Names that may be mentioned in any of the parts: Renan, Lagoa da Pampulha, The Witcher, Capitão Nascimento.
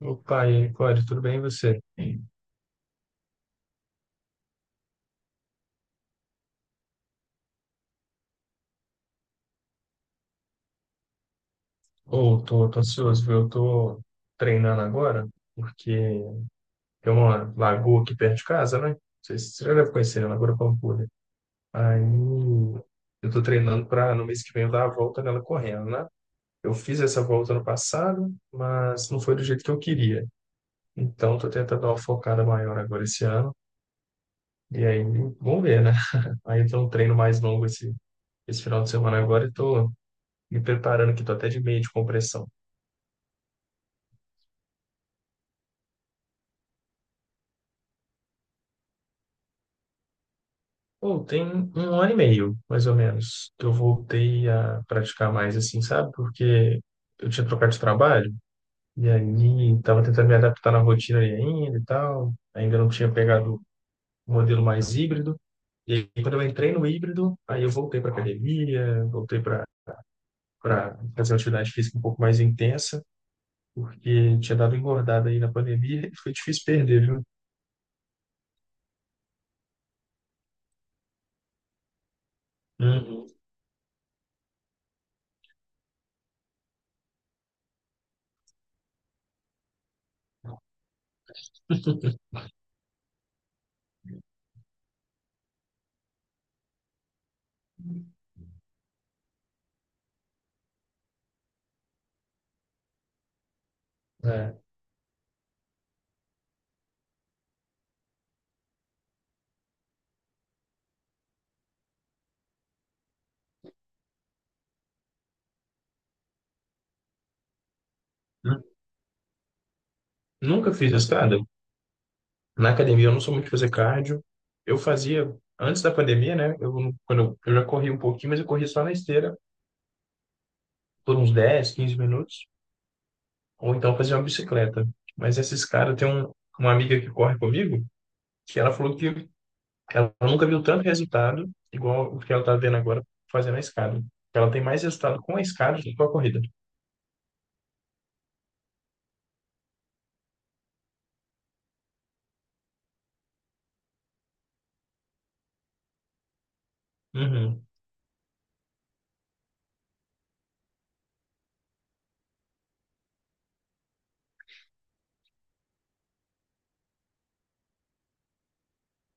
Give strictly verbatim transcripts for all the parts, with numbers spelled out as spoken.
Opa, e aí, Cláudio, tudo bem e você? Ou tô, tô ansioso, viu? Eu tô treinando agora, porque tem uma lagoa aqui perto de casa, né? Não sei se você já deve conhecer, né? Lagoa da Pampulha. Aí eu tô treinando para no mês que vem eu dar a volta nela correndo, né? Eu fiz essa volta no passado, mas não foi do jeito que eu queria. Então tô tentando dar uma focada maior agora esse ano. E aí, vamos ver, né? Aí eu tenho um treino mais longo esse, esse final de semana agora e tô me preparando aqui, tô até de meia de compressão. Ou tem um ano e meio, mais ou menos, que eu voltei a praticar mais assim, sabe? Porque eu tinha trocado de trabalho e aí estava tentando me adaptar na rotina ali ainda e tal. Ainda não tinha pegado o modelo mais híbrido. E aí, quando eu entrei no híbrido, aí eu voltei para academia, voltei para para fazer uma atividade física um pouco mais intensa, porque tinha dado engordada aí na pandemia e foi difícil perder, viu? Uhum. É. Nu- Nunca fiz escada? Na academia eu não sou muito de fazer cardio. Eu fazia antes da pandemia, né? Eu, não- quando eu, eu já corri um pouquinho, mas eu corri só na esteira por uns dez quinze minutos, ou então fazia uma bicicleta. Mas esses caras, tem um, uma amiga que corre comigo, que ela falou que ela nunca viu tanto resultado igual o que ela tá vendo agora fazendo a escada. Ela tem mais resultado com a escada do que com a corrida. Uhum,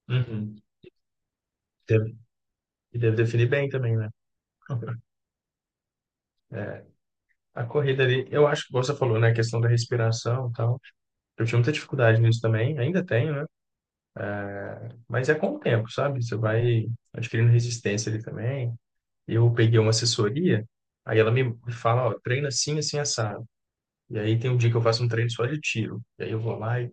uhum. Deve, e deve definir bem também, né? A corrida ali, eu acho que você falou, né? A questão da respiração e tal. Eu tinha muita dificuldade nisso também, ainda tenho, né? Mas é com o tempo, sabe? Você vai adquirindo resistência ali também. Eu peguei uma assessoria, aí ela me fala, ó, treina assim, assim, assado. E aí tem um dia que eu faço um treino só de tiro. E aí eu vou lá e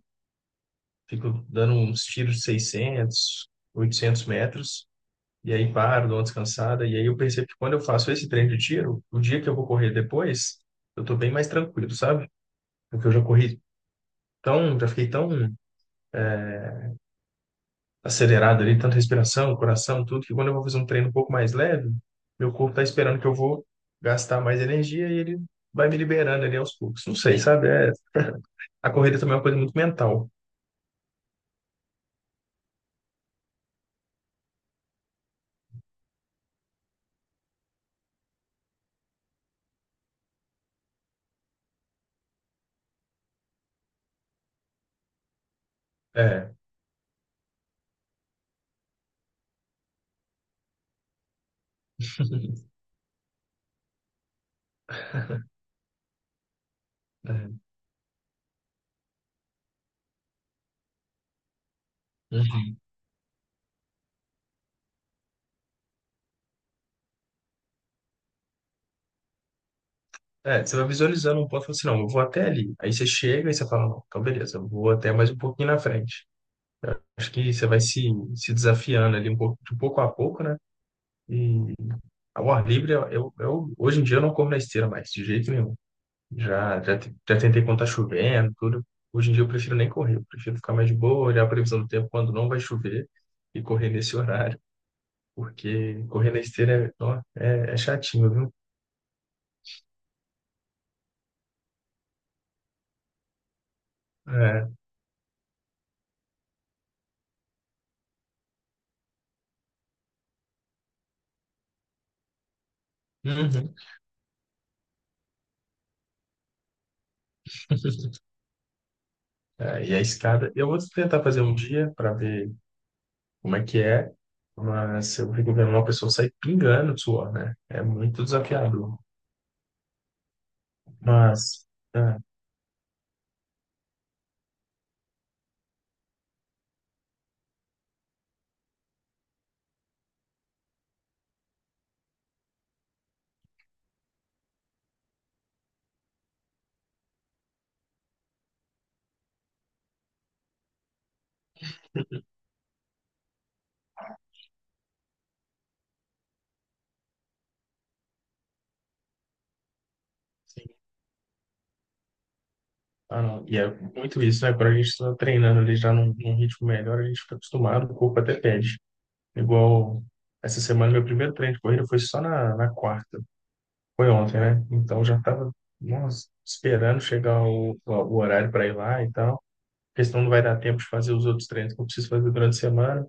fico dando uns tiros de seiscentos, oitocentos metros. E aí paro, dou uma descansada. E aí eu percebo que quando eu faço esse treino de tiro, o dia que eu vou correr depois, eu tô bem mais tranquilo, sabe? Porque eu já corri tão, já fiquei tão acelerado ali, tanta respiração, coração, tudo, que quando eu vou fazer um treino um pouco mais leve, meu corpo tá esperando que eu vou gastar mais energia e ele vai me liberando ali aos poucos. Não sei, sabe? É, a corrida também é uma coisa muito mental. É, é. Uhum. É, é, você vai visualizando um ponto e fala assim, não, eu vou até ali. Aí você chega e você fala, não, então beleza, eu vou até mais um pouquinho na frente. Acho que você vai se, se desafiando ali um pouco, de pouco a pouco, né? E ao ar livre, eu, eu, eu- hoje em dia eu não corro na esteira mais, de jeito nenhum. Já, já, te- já tentei quando tá chovendo, tudo. Hoje em dia eu prefiro nem correr, eu prefiro ficar mais de boa, olhar a previsão do tempo quando não vai chover e correr nesse horário, porque correr na esteira é, ó, é, é chatinho, viu? É. Uhum. É, e a escada, eu vou tentar fazer um dia para ver como é que é, mas eu fico vendo uma pessoa sair pingando de suor, né? É muito desafiador. Mas, é, ah, não. E é muito isso, né? Quando a gente está treinando ali já num, num ritmo melhor, a gente fica acostumado, o corpo até pede. Igual essa semana, meu primeiro treino de corrida foi só na, na quarta. Foi ontem, né? Então já estava, nossa, esperando chegar o, o o horário para ir lá e tal. Porque senão não vai dar tempo de fazer os outros treinos que eu preciso fazer durante a semana.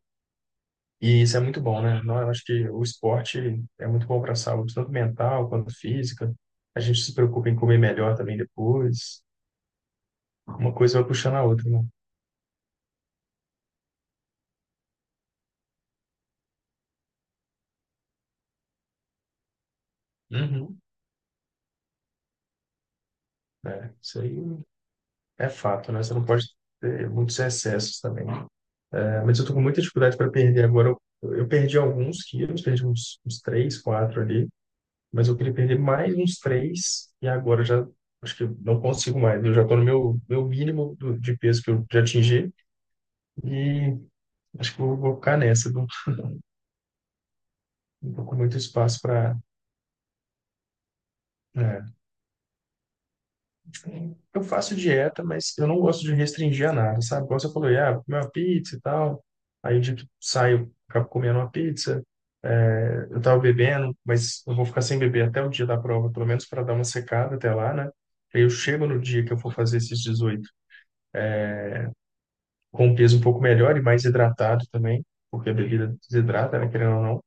E isso é muito bom, né? Não, eu acho que o esporte é muito bom para a saúde, tanto mental quanto física. A gente se preocupa em comer melhor também depois. Uma coisa vai puxando a outra, né? Uhum. É, isso aí é fato, né? Você não pode ter muitos excessos também. É, mas eu tô com muita dificuldade para perder agora. Eu, eu perdi alguns quilos, perdi uns, uns três quatro ali, mas eu queria perder mais uns três e agora eu já acho que eu não consigo mais. Eu já tô no meu, meu mínimo do- de peso que eu já atingi e acho que eu vou ficar nessa. Não, não tô com muito espaço para. Eu faço dieta, mas eu não gosto de restringir a nada, sabe? Como você falou, ah, vou comer uma pizza e tal. Aí o dia que saio, acabo comendo uma pizza. É, eu tava bebendo, mas eu vou ficar sem beber até o dia da prova, pelo menos para dar uma secada até lá, né? Aí eu chego no dia que eu for fazer esses dezoito com um peso um pouco melhor e mais hidratado também, porque a bebida desidrata, né? Querendo ou não.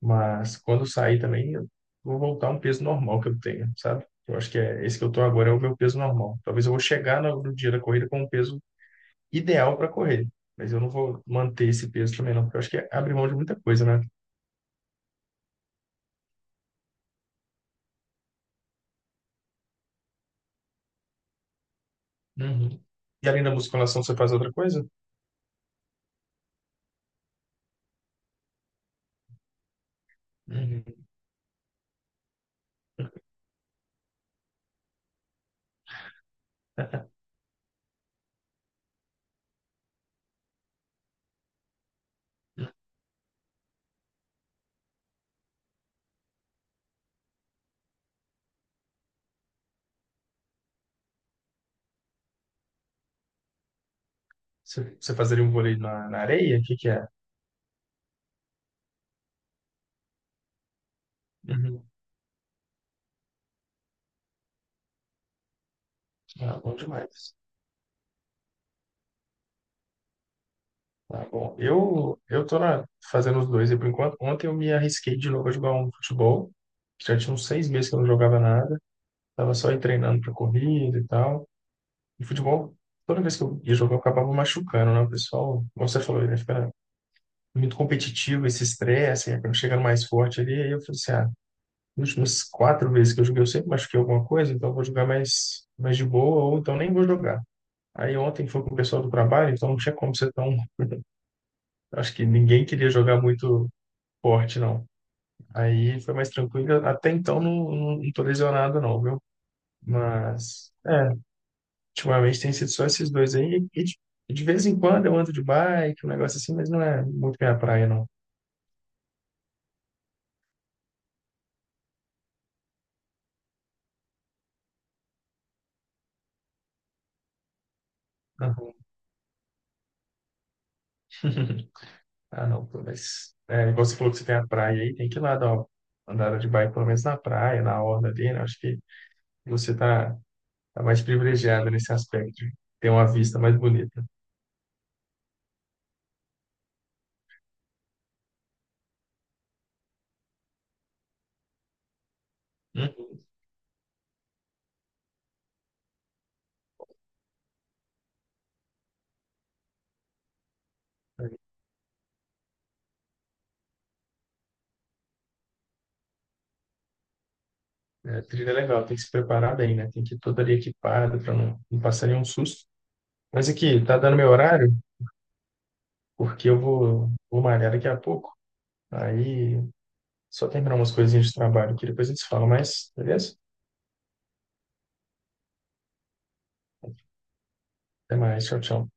Mas quando eu sair também, eu vou voltar a um peso normal que eu tenho, sabe? Eu acho que é esse que eu tô agora é o meu peso normal. Talvez eu vou chegar no, no dia da corrida com um peso ideal para correr, mas eu não vou manter esse peso também não, porque eu acho que é abrir mão de muita coisa, né? Uhum. E além da musculação, você faz outra coisa? Uhum. Você, você fazeria um vôlei na, na areia? O que que é? Uhum. Ah, bom demais. Tá bom. Eu eu tô na- fazendo os dois aí por enquanto. Ontem eu me arrisquei de novo a jogar um futebol. Já tinha uns seis meses que eu não jogava nada. Tava só aí treinando pra corrida e tal. E futebol, toda vez que eu ia jogar, eu acabava machucando, né? O pessoal, como você falou, né? Fica muito competitivo, esse estresse, aí acaba chegando mais forte ali. Aí eu falei assim, ah, nas últimas quatro vezes que eu joguei, eu sempre machuquei alguma coisa, então eu vou jogar mais, mais de boa, ou então nem vou jogar. Aí ontem foi com o pessoal do trabalho, então não tinha como ser tão. Acho que ninguém queria jogar muito forte, não. Aí foi mais tranquilo. Até então não, não, não tô lesionado, não, viu? Mas. É, ultimamente tem sido só esses dois aí. E de, e de vez em quando eu ando de bike, um negócio assim, mas não é muito minha praia, não. Aham. Ah, não, pô, mas é, igual você falou que você tem a praia aí, tem que ir lá dar uma andada de bike, pelo menos na praia, na orla ali, né? Acho que você tá, tá mais privilegiado nesse aspecto, de ter uma vista mais bonita. Uhum. É, trilha é legal, tem que se preparar bem, né? Tem que ir todo ali equipado para não, não passar nenhum susto. Mas aqui, tá dando meu horário, porque eu vou, vou malhar daqui a pouco. Aí só terminar umas coisinhas de trabalho que depois a gente se fala mais, beleza? Até mais, tchau, tchau.